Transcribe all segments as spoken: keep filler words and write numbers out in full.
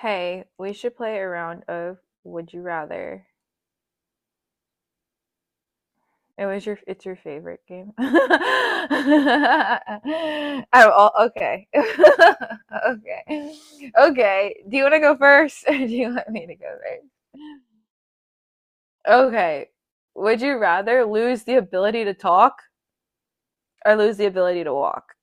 Hey, we should play a round of Would You Rather. It was your it's your favorite game. oh, oh, okay. okay. Okay. Do you want to go first or do you want me to go first? Okay. Would you rather lose the ability to talk or lose the ability to walk?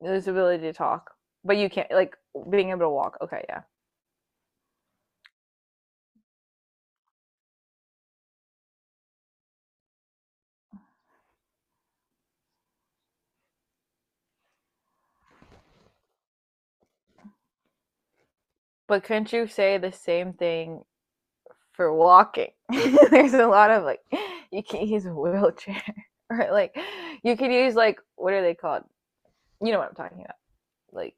Lose the ability to talk, but you can't like being able to walk. Okay, yeah. But couldn't you say the same thing for walking. There's a lot of like you can use a wheelchair or like you can use like what are they called? You know what I'm talking about. Like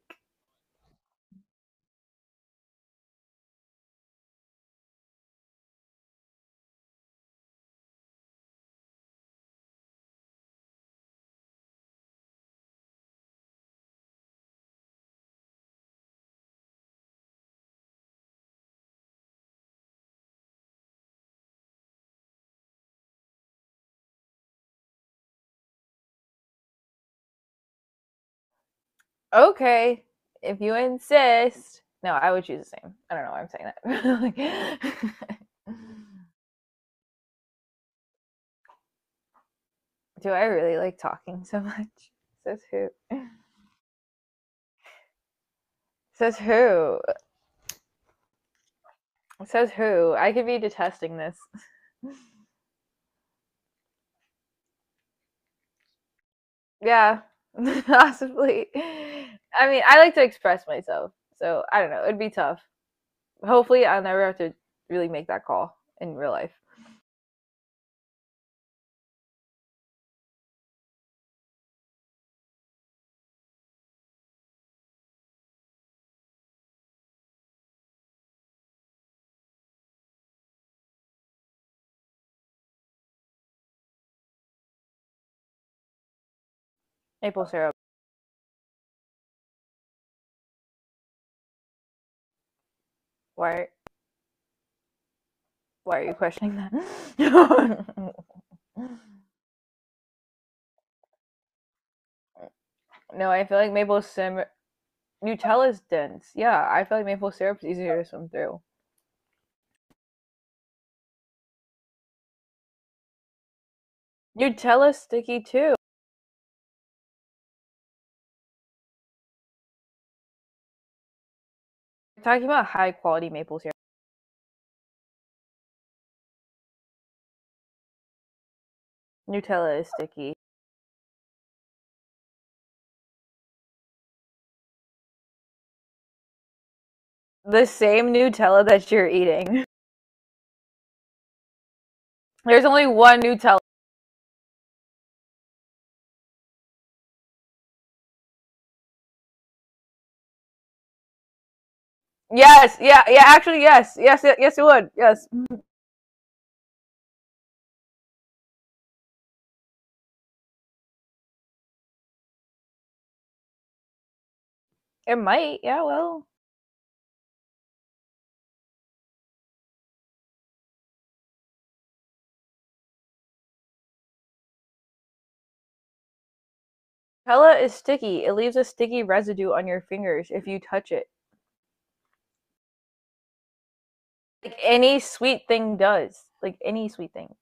okay, if you insist. No, I would choose the same. I don't know why I'm saying that. Like, do I really like talking so much? Says who? Says who? Says who? I could be detesting this. Yeah, possibly. I mean, I like to express myself, so I don't know. It'd be tough. Hopefully, I'll never have to really make that call in real life. Maple syrup. Why? Why are you questioning that? No, I feel like maple syrup. Nutella's dense. Yeah, I feel like maple syrup's easier to swim through. Nutella's sticky too. We're talking about high quality maple syrup. Nutella is sticky. The same Nutella that you're eating. There's only one Nutella. Yes, yeah, yeah. Actually, yes, yes, y- yes. It would. Yes, it might. Yeah, well, Nutella is sticky. It leaves a sticky residue on your fingers if you touch it. Like any sweet thing does. Like any sweet thing.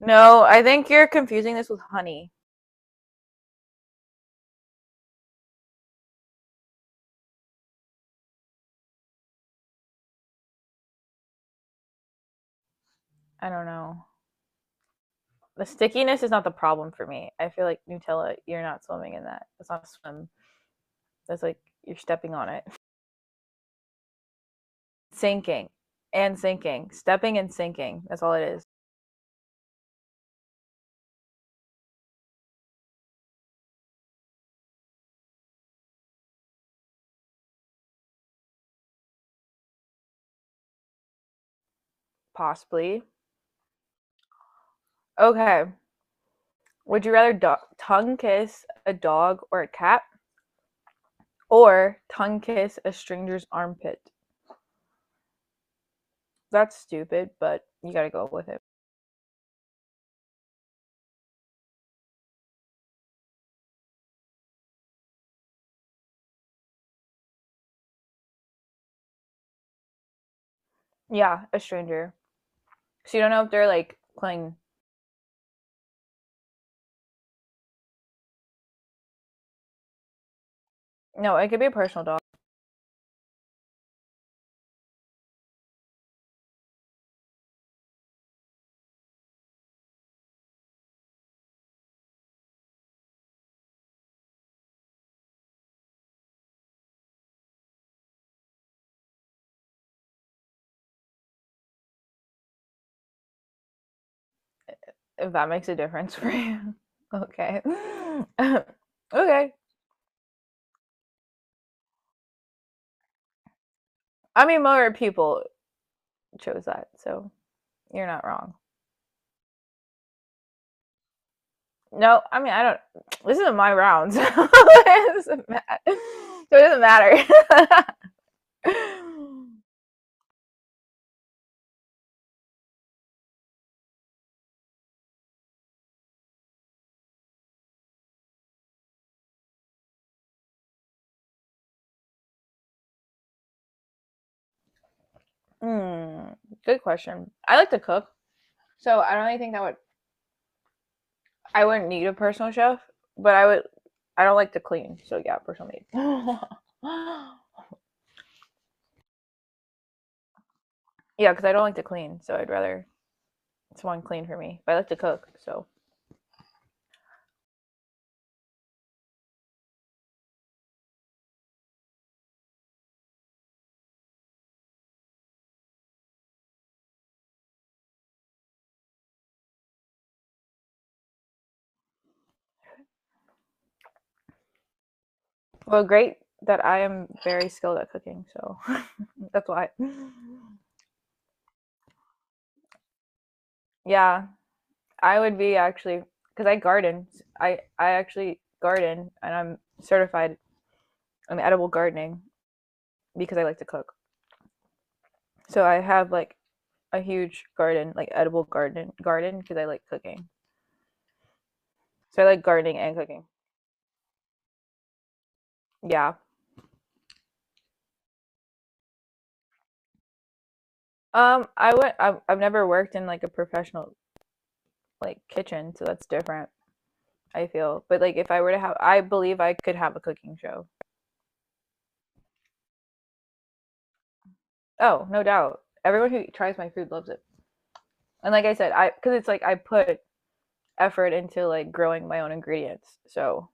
No, I think you're confusing this with honey. I don't know. The stickiness is not the problem for me. I feel like Nutella, you're not swimming in that. That's not a swim. That's like you're stepping on it. Sinking and sinking. Stepping and sinking. That's all it is. Possibly. Okay. Would you rather do- tongue kiss a dog or a cat or tongue kiss a stranger's armpit? That's stupid, but you gotta go with it. Yeah, a stranger. So you don't know if they're like playing. No, it could be a personal dog if that makes a difference for you. okay. okay. I mean, more people chose that, so you're not wrong. No, I mean, I don't. This isn't my round, so it doesn't matter. So it doesn't matter. Hmm, good question. I like to cook, so I don't really think that would I wouldn't need a personal chef, but I would. I don't like to clean, so yeah, personal maid. Yeah, because I don't like to clean, so I'd rather someone clean for me. But I like to cook, so well, great that I am very skilled at cooking, so that's why. Yeah, I would be actually because I garden. I I actually garden, and I'm certified in edible gardening because I like to cook. So I have like a huge garden, like edible garden garden because I like cooking. So I like gardening and cooking. Yeah. Um, I would I've, I've never worked in like a professional like kitchen, so that's different, I feel. But like if I were to have I believe I could have a cooking show. Oh, no doubt. Everyone who tries my food loves it. And like I said, I because it's like I put effort into like growing my own ingredients. So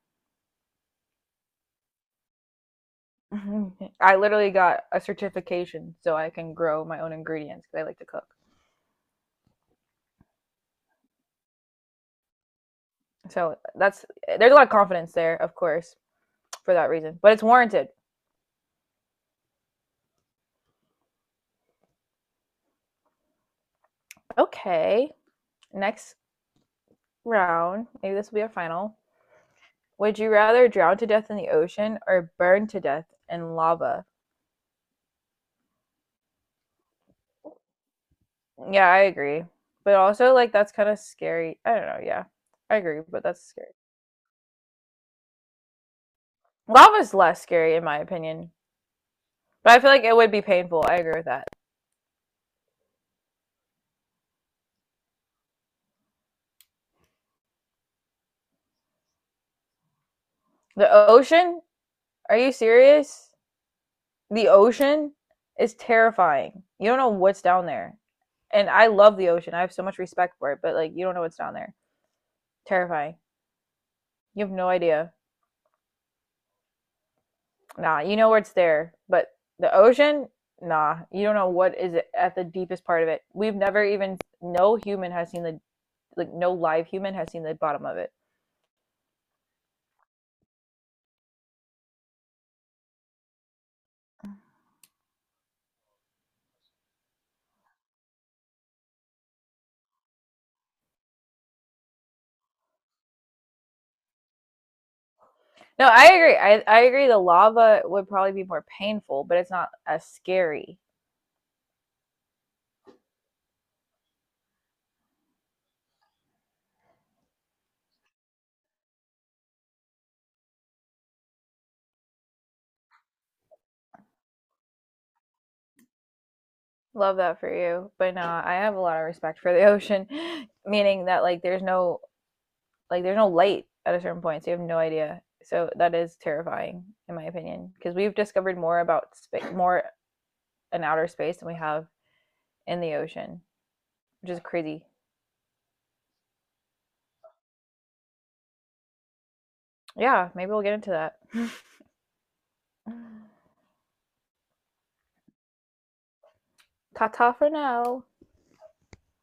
I literally got a certification so I can grow my own ingredients because I like to cook. So that's there's a lot of confidence there, of course, for that reason. But it's warranted. Okay. Next round, maybe this will be our final. Would you rather drown to death in the ocean or burn to death in lava? Yeah, I agree. But also, like, that's kind of scary. I don't know. Yeah, I agree, but that's scary. Lava's less scary, in my opinion. But I feel like it would be painful. I agree with that. The ocean? Are you serious? The ocean is terrifying. You don't know what's down there. And I love the ocean. I have so much respect for it, but, like, you don't know what's down there. Terrifying. You have no idea. Nah, you know where it's there, but the ocean, nah, you don't know what is at the deepest part of it. We've never even no human has seen the like no live human has seen the bottom of it. No, I agree. I I agree the lava would probably be more painful, but it's not as scary. Love that for you. But nah, I have a lot of respect for the ocean, meaning that like there's no like there's no light at a certain point, so you have no idea. So that is terrifying in my opinion because we've discovered more about spa- more an outer space than we have in the ocean, which is crazy. Yeah, maybe we'll get into that. Ta ta for now.